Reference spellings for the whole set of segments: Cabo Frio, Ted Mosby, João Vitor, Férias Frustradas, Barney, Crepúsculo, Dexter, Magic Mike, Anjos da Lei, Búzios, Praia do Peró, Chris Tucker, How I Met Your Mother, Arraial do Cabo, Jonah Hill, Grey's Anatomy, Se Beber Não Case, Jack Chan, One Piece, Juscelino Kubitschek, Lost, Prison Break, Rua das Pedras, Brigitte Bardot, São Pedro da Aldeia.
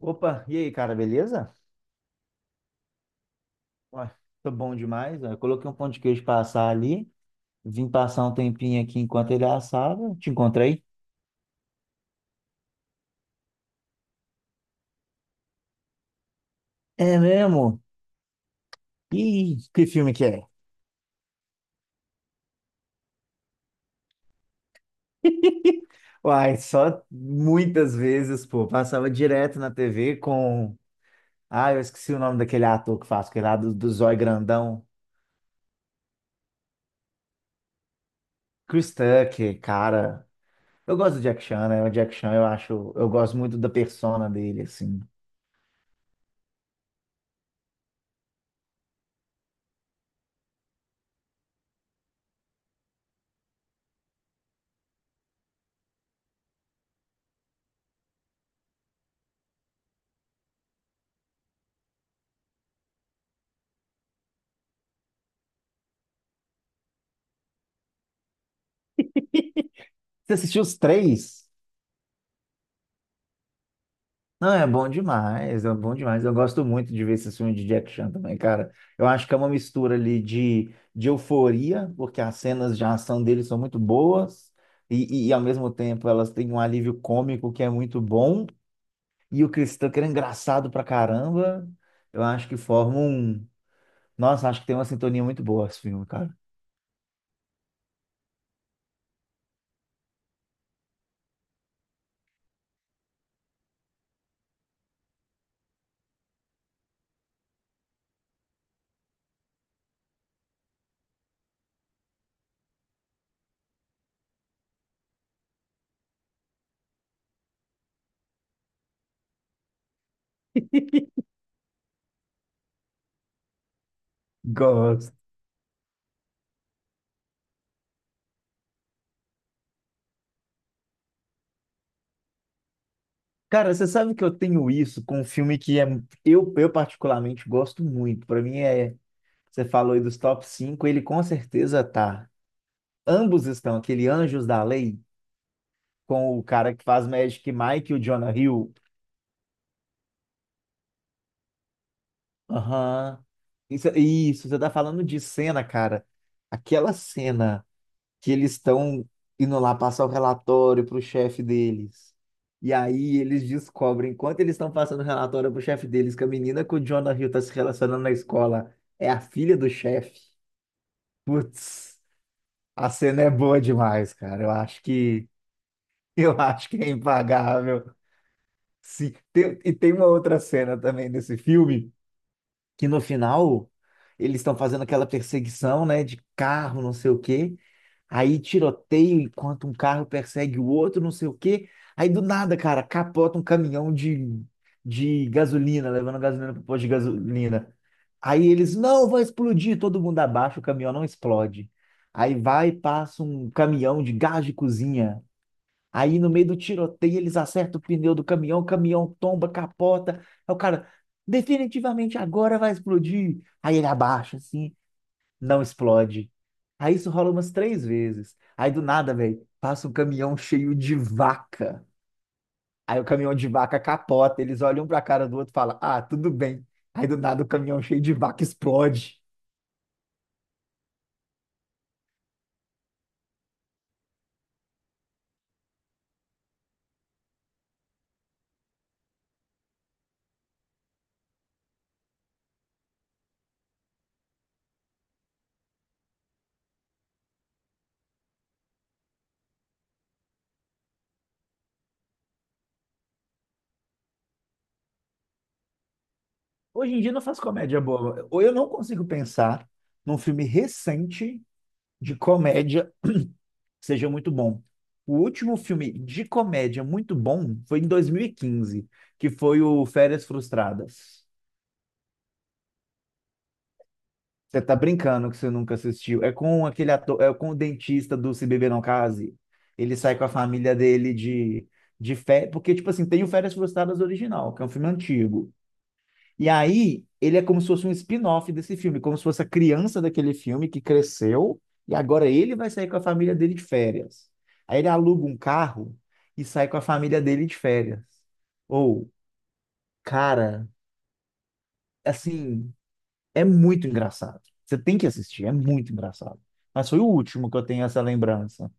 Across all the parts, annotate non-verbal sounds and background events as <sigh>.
Opa, e aí, cara, beleza? Ué, tô bom demais. Ó. Eu coloquei um pão de queijo pra assar ali. Vim passar um tempinho aqui enquanto ele assava. Te encontrei. É mesmo? Ih, que filme que é? <laughs> Uai, só muitas vezes, pô. Passava direto na TV com. Ah, eu esqueci o nome daquele ator que faz, aquele lá do, Zói Grandão. Chris Tucker, cara. Eu gosto do Jack Chan, né? O Jack Chan, eu acho. Eu gosto muito da persona dele, assim. Você assistiu os três? Não, é bom demais, é bom demais. Eu gosto muito de ver esse filme de Jack Chan também, cara. Eu acho que é uma mistura ali de euforia, porque as cenas de ação dele são muito boas, e ao mesmo tempo elas têm um alívio cômico que é muito bom, e o Chris Tucker é engraçado pra caramba. Eu acho que forma um. Nossa, acho que tem uma sintonia muito boa esse filme, cara. Gosto. Cara, você sabe que eu tenho isso com um filme que é, eu particularmente gosto muito. Pra mim é. Você falou aí dos top 5, ele com certeza tá. Ambos estão, aquele Anjos da Lei, com o cara que faz Magic Mike e o Jonah Hill. Aham. Isso, você tá falando de cena, cara. Aquela cena que eles estão indo lá passar o relatório pro chefe deles. E aí eles descobrem, enquanto eles estão passando o relatório pro chefe deles, que a menina que o Jonah Hill tá se relacionando na escola é a filha do chefe. Putz, a cena é boa demais, cara. Eu acho que eu acho que é impagável. Sim. E tem uma outra cena também nesse filme, que no final eles estão fazendo aquela perseguição, né, de carro, não sei o quê. Aí tiroteio enquanto um carro persegue o outro, não sei o quê. Aí do nada, cara, capota um caminhão de gasolina, levando gasolina para o posto de gasolina. Aí eles, não, vai explodir, todo mundo abaixa, o caminhão não explode. Aí vai e passa um caminhão de gás de cozinha. Aí no meio do tiroteio eles acertam o pneu do caminhão, o caminhão tomba, capota. Aí o cara, definitivamente agora vai explodir. Aí ele abaixa assim, não explode. Aí isso rola umas três vezes. Aí do nada, velho, passa um caminhão cheio de vaca. Aí o caminhão de vaca capota, eles olham um pra cara do outro e falam, ah, tudo bem. Aí do nada o caminhão cheio de vaca explode. Hoje em dia não faz comédia boa. Ou eu não consigo pensar num filme recente de comédia seja muito bom. O último filme de comédia muito bom foi em 2015, que foi o Férias Frustradas. Você tá brincando que você nunca assistiu. É com aquele ator, é com o dentista do Se Beber Não Case. Ele sai com a família dele de férias, porque, tipo assim, tem o Férias Frustradas original, que é um filme antigo. E aí, ele é como se fosse um spin-off desse filme, como se fosse a criança daquele filme que cresceu e agora ele vai sair com a família dele de férias. Aí ele aluga um carro e sai com a família dele de férias. Ou, cara, assim, é muito engraçado. Você tem que assistir, é muito engraçado. Mas foi o último que eu tenho essa lembrança.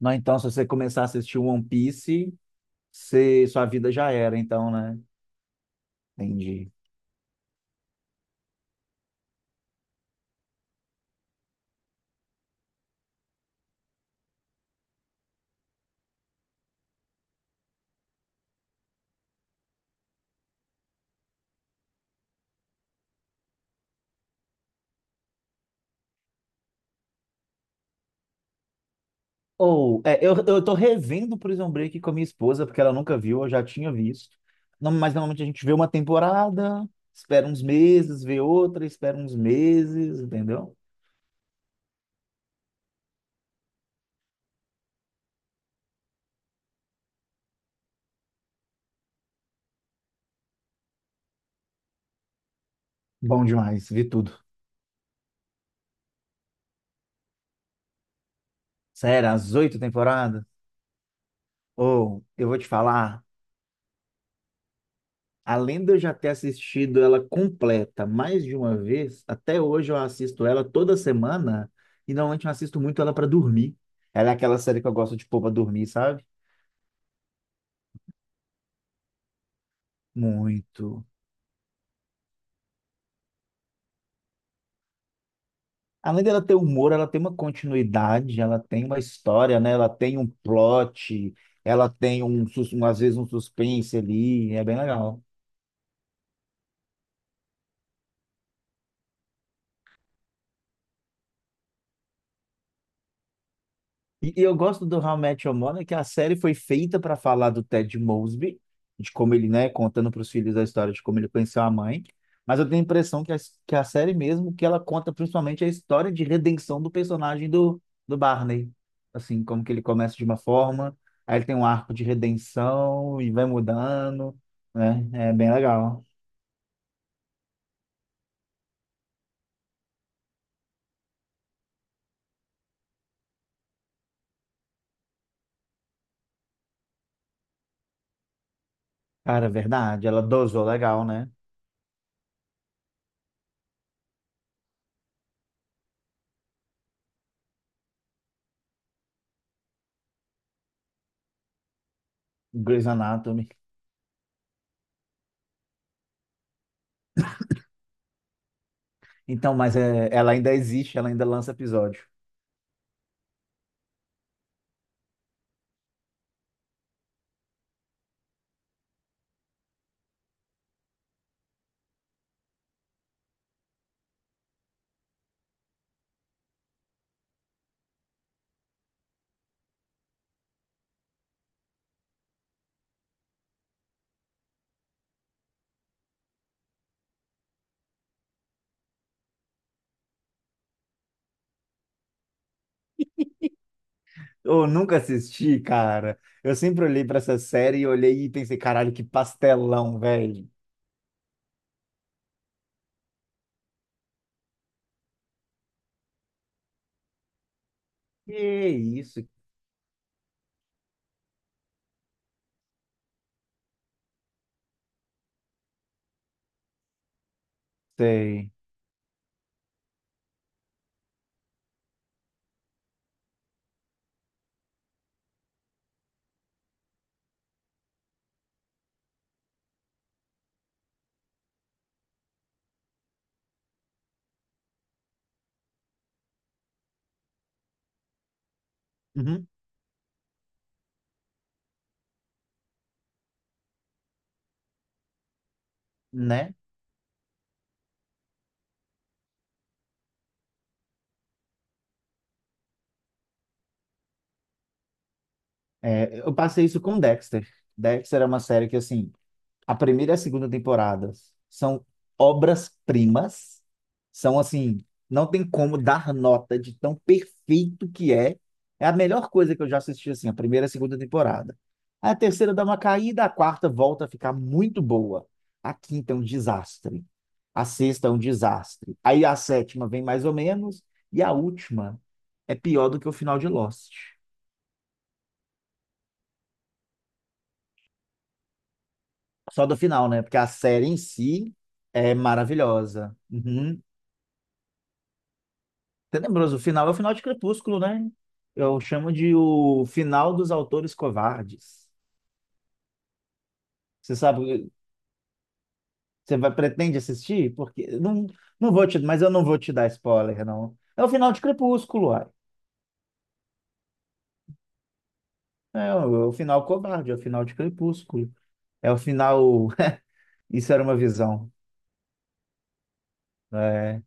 Não, então, se você começar a assistir One Piece, você, sua vida já era, então, né? Entendi. Ou, é, eu tô revendo Prison Break com a minha esposa, porque ela nunca viu, eu já tinha visto. Não, mas normalmente a gente vê uma temporada, espera uns meses, vê outra, espera uns meses, entendeu? Bom demais, vi tudo. Sério, as oito temporadas? Ou, eu vou te falar, além de eu já ter assistido ela completa mais de uma vez, até hoje eu assisto ela toda semana, e normalmente eu assisto muito ela para dormir. Ela é aquela série que eu gosto de pôr pra dormir, sabe? Muito. Além dela ter humor, ela tem uma continuidade, ela tem uma história, né? Ela tem um plot, ela tem um, um às vezes um suspense ali, é bem legal. E eu gosto do How I Met Your Mother, que a série foi feita para falar do Ted Mosby, de como ele, né, contando para os filhos a história de como ele conheceu a mãe. Mas eu tenho a impressão que a, série mesmo, que ela conta principalmente a história de redenção do personagem do Barney. Assim, como que ele começa de uma forma, aí ele tem um arco de redenção e vai mudando, né? É bem legal. Cara, é verdade, ela dosou legal, né? Grey's Anatomy. Então, mas é, ela ainda existe, ela ainda lança episódio. Eu nunca assisti, cara. Eu sempre olhei pra essa série e olhei e pensei, caralho, que pastelão, velho. Que isso, sei. Uhum, né? É, eu passei isso com Dexter. Dexter é uma série que, assim, a primeira e a segunda temporada são obras-primas. São assim, não tem como dar nota de tão perfeito que é. É a melhor coisa que eu já assisti assim, a primeira e a segunda temporada. A terceira dá uma caída, a quarta volta a ficar muito boa. A quinta é um desastre. A sexta é um desastre. Aí a sétima vem mais ou menos e a última é pior do que o final de Lost. Só do final, né? Porque a série em si é maravilhosa. Uhum. Tenebroso. O final é o final de Crepúsculo, né? Eu chamo de o final dos autores covardes. Você sabe, você vai, pretende assistir? Porque não, não vou te, mas eu não vou te dar spoiler, não. É o final de Crepúsculo, uai. É, o é o final covarde, é o final de Crepúsculo. É o final. <laughs> Isso era uma visão. É,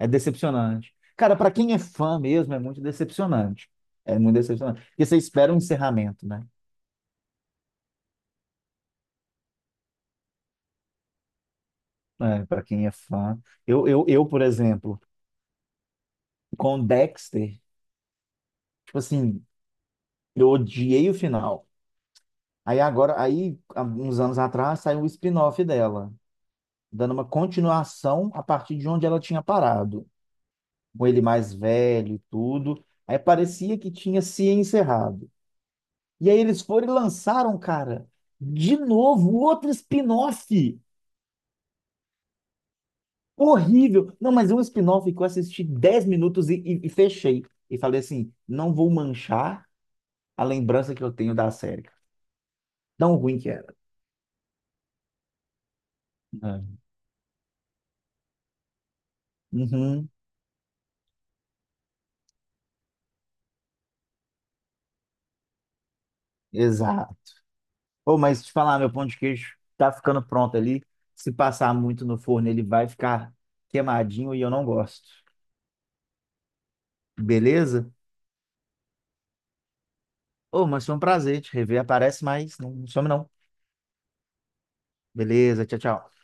é decepcionante. Cara, para quem é fã mesmo, é muito decepcionante. É muito decepcionante. Porque você espera um encerramento, né? É, para quem é fã. Eu, por exemplo, com Dexter. Tipo assim, eu odiei o final. Aí agora, aí, há uns anos atrás, saiu o spin-off dela, dando uma continuação a partir de onde ela tinha parado, com ele mais velho e tudo. Aí parecia que tinha se encerrado. E aí eles foram e lançaram, cara, de novo, outro spin-off. Horrível. Não, mas é um spin-off que eu assisti 10 minutos e fechei. E falei assim, não vou manchar a lembrança que eu tenho da série. Tão ruim que era. É. Uhum, exato. Pô, mas te falar, meu pão de queijo tá ficando pronto ali. Se passar muito no forno, ele vai ficar queimadinho e eu não gosto. Beleza? Ô, mas foi um prazer te rever. Aparece mais, não some não. Beleza, tchau, tchau.